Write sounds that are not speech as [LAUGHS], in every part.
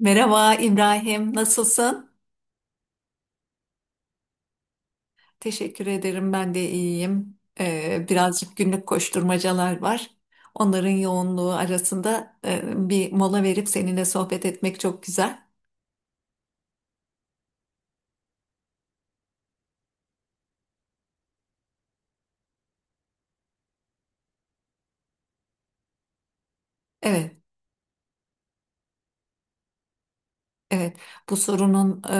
Merhaba İbrahim, nasılsın? Teşekkür ederim, ben de iyiyim. Birazcık günlük koşturmacalar var. Onların yoğunluğu arasında bir mola verip seninle sohbet etmek çok güzel. Evet, evet. Bu sorunun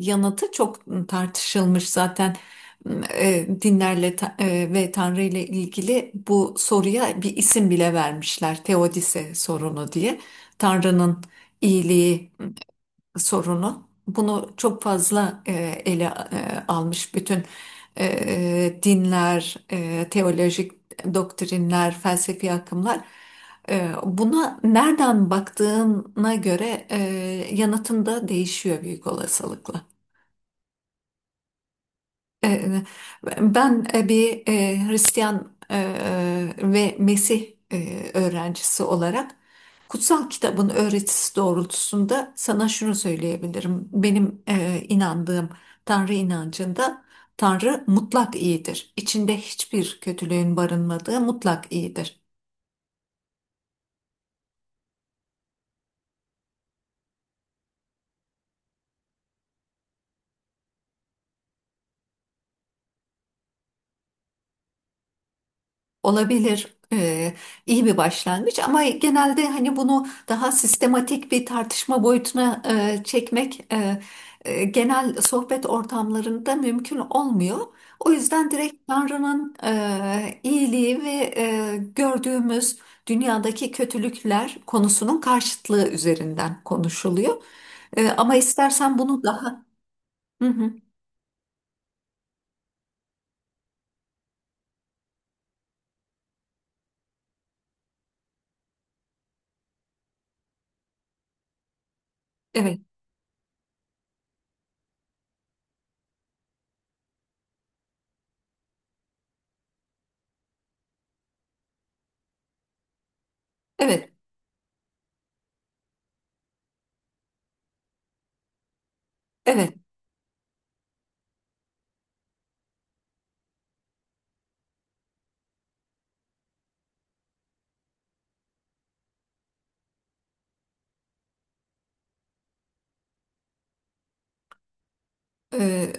yanıtı çok tartışılmış zaten. Dinlerle ve Tanrı ile ilgili bu soruya bir isim bile vermişler. Teodise sorunu diye. Tanrı'nın iyiliği sorunu. Bunu çok fazla ele almış bütün dinler, teolojik doktrinler, felsefi akımlar. Buna nereden baktığına göre yanıtın da değişiyor büyük olasılıkla. E, Ben bir Hristiyan ve Mesih öğrencisi olarak kutsal kitabın öğretisi doğrultusunda sana şunu söyleyebilirim. Benim inandığım Tanrı inancında Tanrı mutlak iyidir. İçinde hiçbir kötülüğün barınmadığı mutlak iyidir. Olabilir. Ee, iyi bir başlangıç ama genelde hani bunu daha sistematik bir tartışma boyutuna çekmek genel sohbet ortamlarında mümkün olmuyor. O yüzden direkt Tanrı'nın iyiliği ve gördüğümüz dünyadaki kötülükler konusunun karşıtlığı üzerinden konuşuluyor. Ama istersen bunu daha. Hı hı, evet, evet, evet. Ee,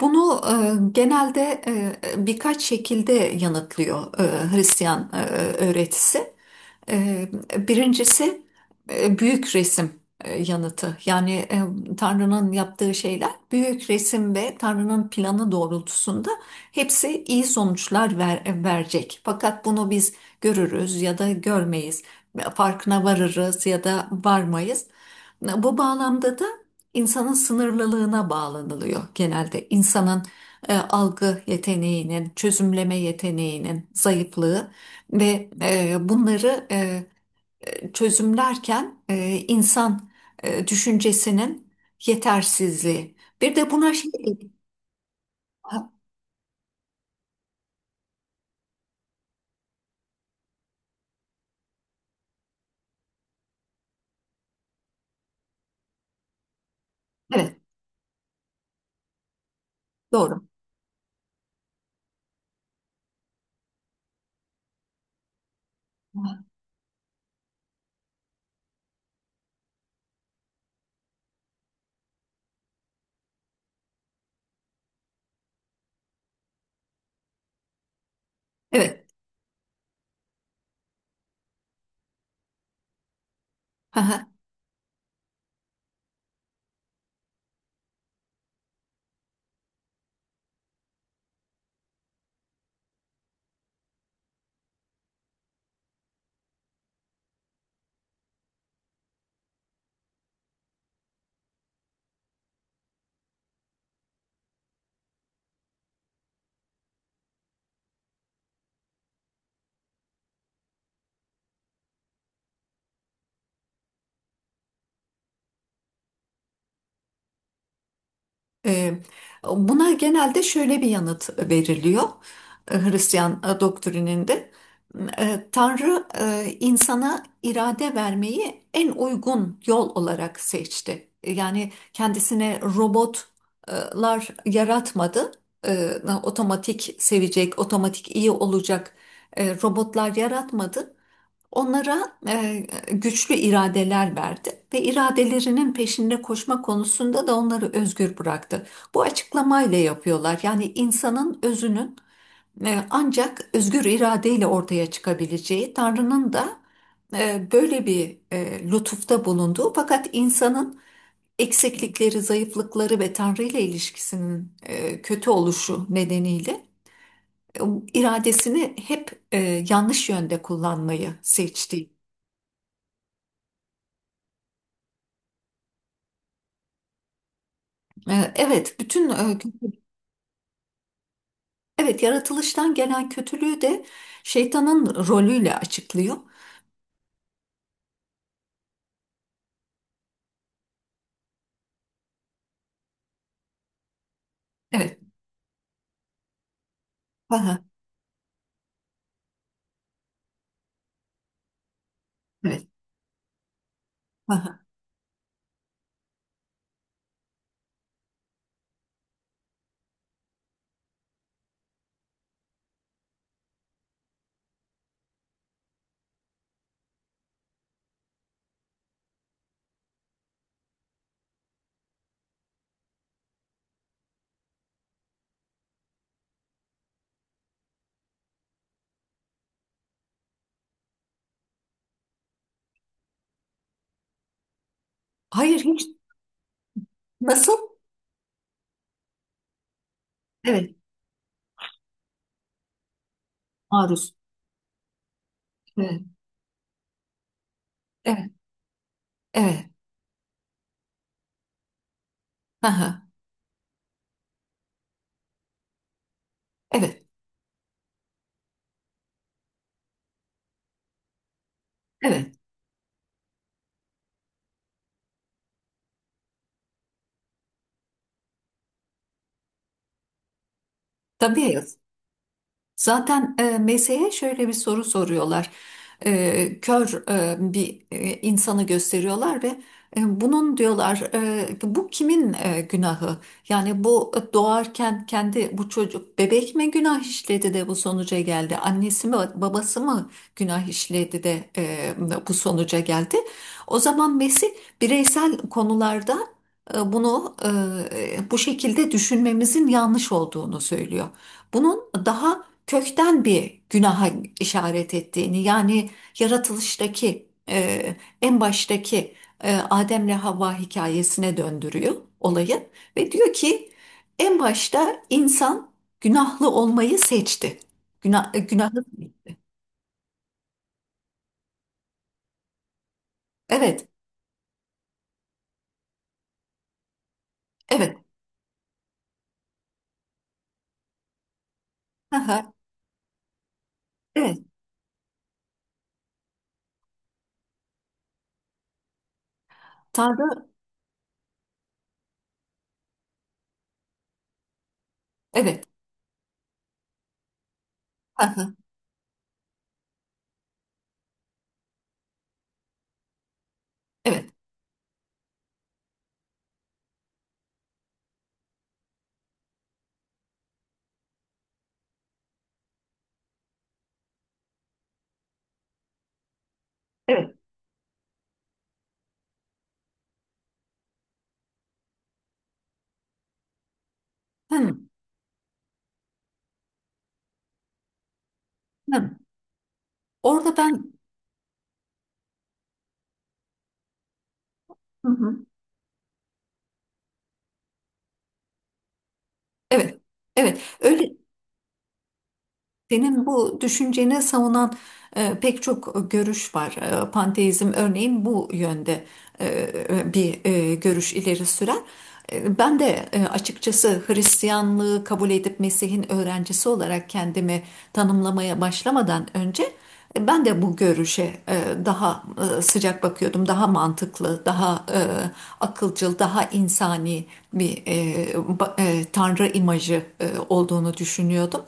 Bunu genelde birkaç şekilde yanıtlıyor Hristiyan öğretisi. Ee, Birincisi büyük resim yanıtı. Yani Tanrı'nın yaptığı şeyler büyük resim ve Tanrı'nın planı doğrultusunda hepsi iyi sonuçlar verecek. Fakat bunu biz görürüz ya da görmeyiz. Farkına varırız ya da varmayız. Bu bağlamda da insanın sınırlılığına bağlanılıyor genelde. İnsanın algı yeteneğinin, çözümleme yeteneğinin zayıflığı ve bunları çözümlerken insan düşüncesinin yetersizliği. Bir de buna şey. Ha, evet, doğru. Evet. [LAUGHS] E, Buna genelde şöyle bir yanıt veriliyor Hristiyan doktrininde. Tanrı insana irade vermeyi en uygun yol olarak seçti. Yani kendisine robotlar yaratmadı. E, Otomatik sevecek, otomatik iyi olacak robotlar yaratmadı. Onlara güçlü iradeler verdi ve iradelerinin peşinde koşma konusunda da onları özgür bıraktı. Bu açıklamayla yapıyorlar. Yani insanın özünün ancak özgür iradeyle ortaya çıkabileceği, Tanrı'nın da böyle bir lütufta bulunduğu fakat insanın eksiklikleri, zayıflıkları ve Tanrı ile ilişkisinin kötü oluşu nedeniyle e, iradesini hep yanlış yönde kullanmayı seçti. Evet, bütün. Evet, yaratılıştan gelen kötülüğü de şeytanın rolüyle açıklıyor. Evet. Aha, evet. Aha. Hayır, hiç. Nasıl? Evet. Maruz. Evet. Evet. Evet. Aha, evet. Evet. Tabii. Zaten meseye şöyle bir soru soruyorlar. Kör bir insanı gösteriyorlar ve bunun diyorlar bu kimin günahı? Yani bu doğarken kendi bu çocuk bebek mi günah işledi de bu sonuca geldi? Annesi mi babası mı günah işledi de bu sonuca geldi? O zaman Mesih bireysel konularda bunu bu şekilde düşünmemizin yanlış olduğunu söylüyor. Bunun daha kökten bir günaha işaret ettiğini yani yaratılıştaki en baştaki Adem'le Havva hikayesine döndürüyor olayı ve diyor ki en başta insan günahlı olmayı seçti. Günah, günahlı. Evet, evet. Aha, evet. Tanrı. Evet. Aha, evet, evet. Hı, hı. Orada ben. Hı hı, evet, evet öyle. Senin bu düşünceni savunan pek çok görüş var. Panteizm örneğin bu yönde bir görüş ileri sürer. Ben de açıkçası Hristiyanlığı kabul edip Mesih'in öğrencisi olarak kendimi tanımlamaya başlamadan önce ben de bu görüşe e, daha sıcak bakıyordum. Daha mantıklı, daha akılcıl, daha insani bir tanrı imajı olduğunu düşünüyordum.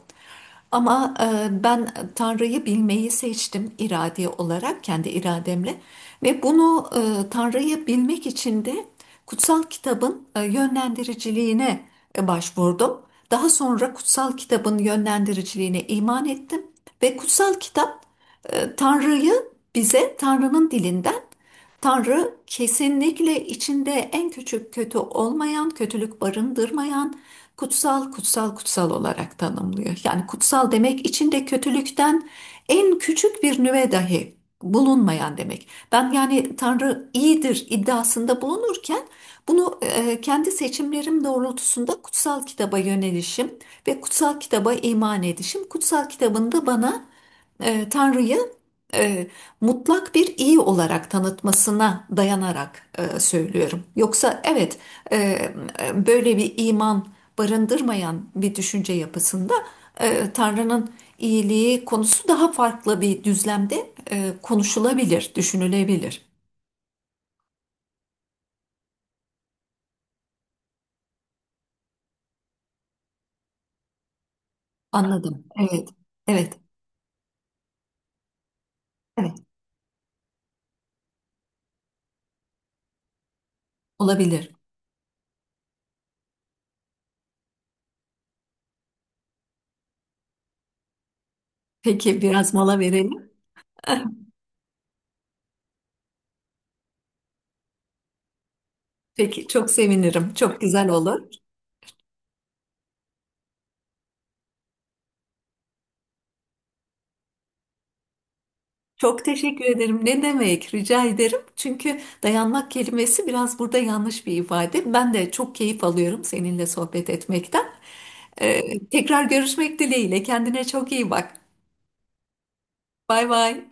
Ama ben Tanrı'yı bilmeyi seçtim irade olarak, kendi irademle. Ve bunu Tanrı'yı bilmek için de kutsal kitabın yönlendiriciliğine başvurdum. Daha sonra kutsal kitabın yönlendiriciliğine iman ettim. Ve kutsal kitap Tanrı'yı bize Tanrı'nın dilinden Tanrı kesinlikle içinde en küçük kötü olmayan, kötülük barındırmayan, kutsal kutsal kutsal olarak tanımlıyor. Yani kutsal demek içinde kötülükten en küçük bir nüve dahi bulunmayan demek. Ben yani Tanrı iyidir iddiasında bulunurken bunu kendi seçimlerim doğrultusunda kutsal kitaba yönelişim ve kutsal kitaba iman edişim, kutsal kitabın da bana Tanrı'yı e, mutlak bir iyi olarak tanıtmasına dayanarak söylüyorum. Yoksa evet, e, böyle bir iman barındırmayan bir düşünce yapısında Tanrı'nın iyiliği konusu daha farklı bir düzlemde konuşulabilir, düşünülebilir. Anladım. Evet, evet, evet, olabilir. Peki biraz mola verelim. [LAUGHS] Peki çok sevinirim. Çok güzel olur. Çok teşekkür ederim. Ne demek? Rica ederim. Çünkü dayanmak kelimesi biraz burada yanlış bir ifade. Ben de çok keyif alıyorum seninle sohbet etmekten. Tekrar görüşmek dileğiyle. Kendine çok iyi bak. Bay bay.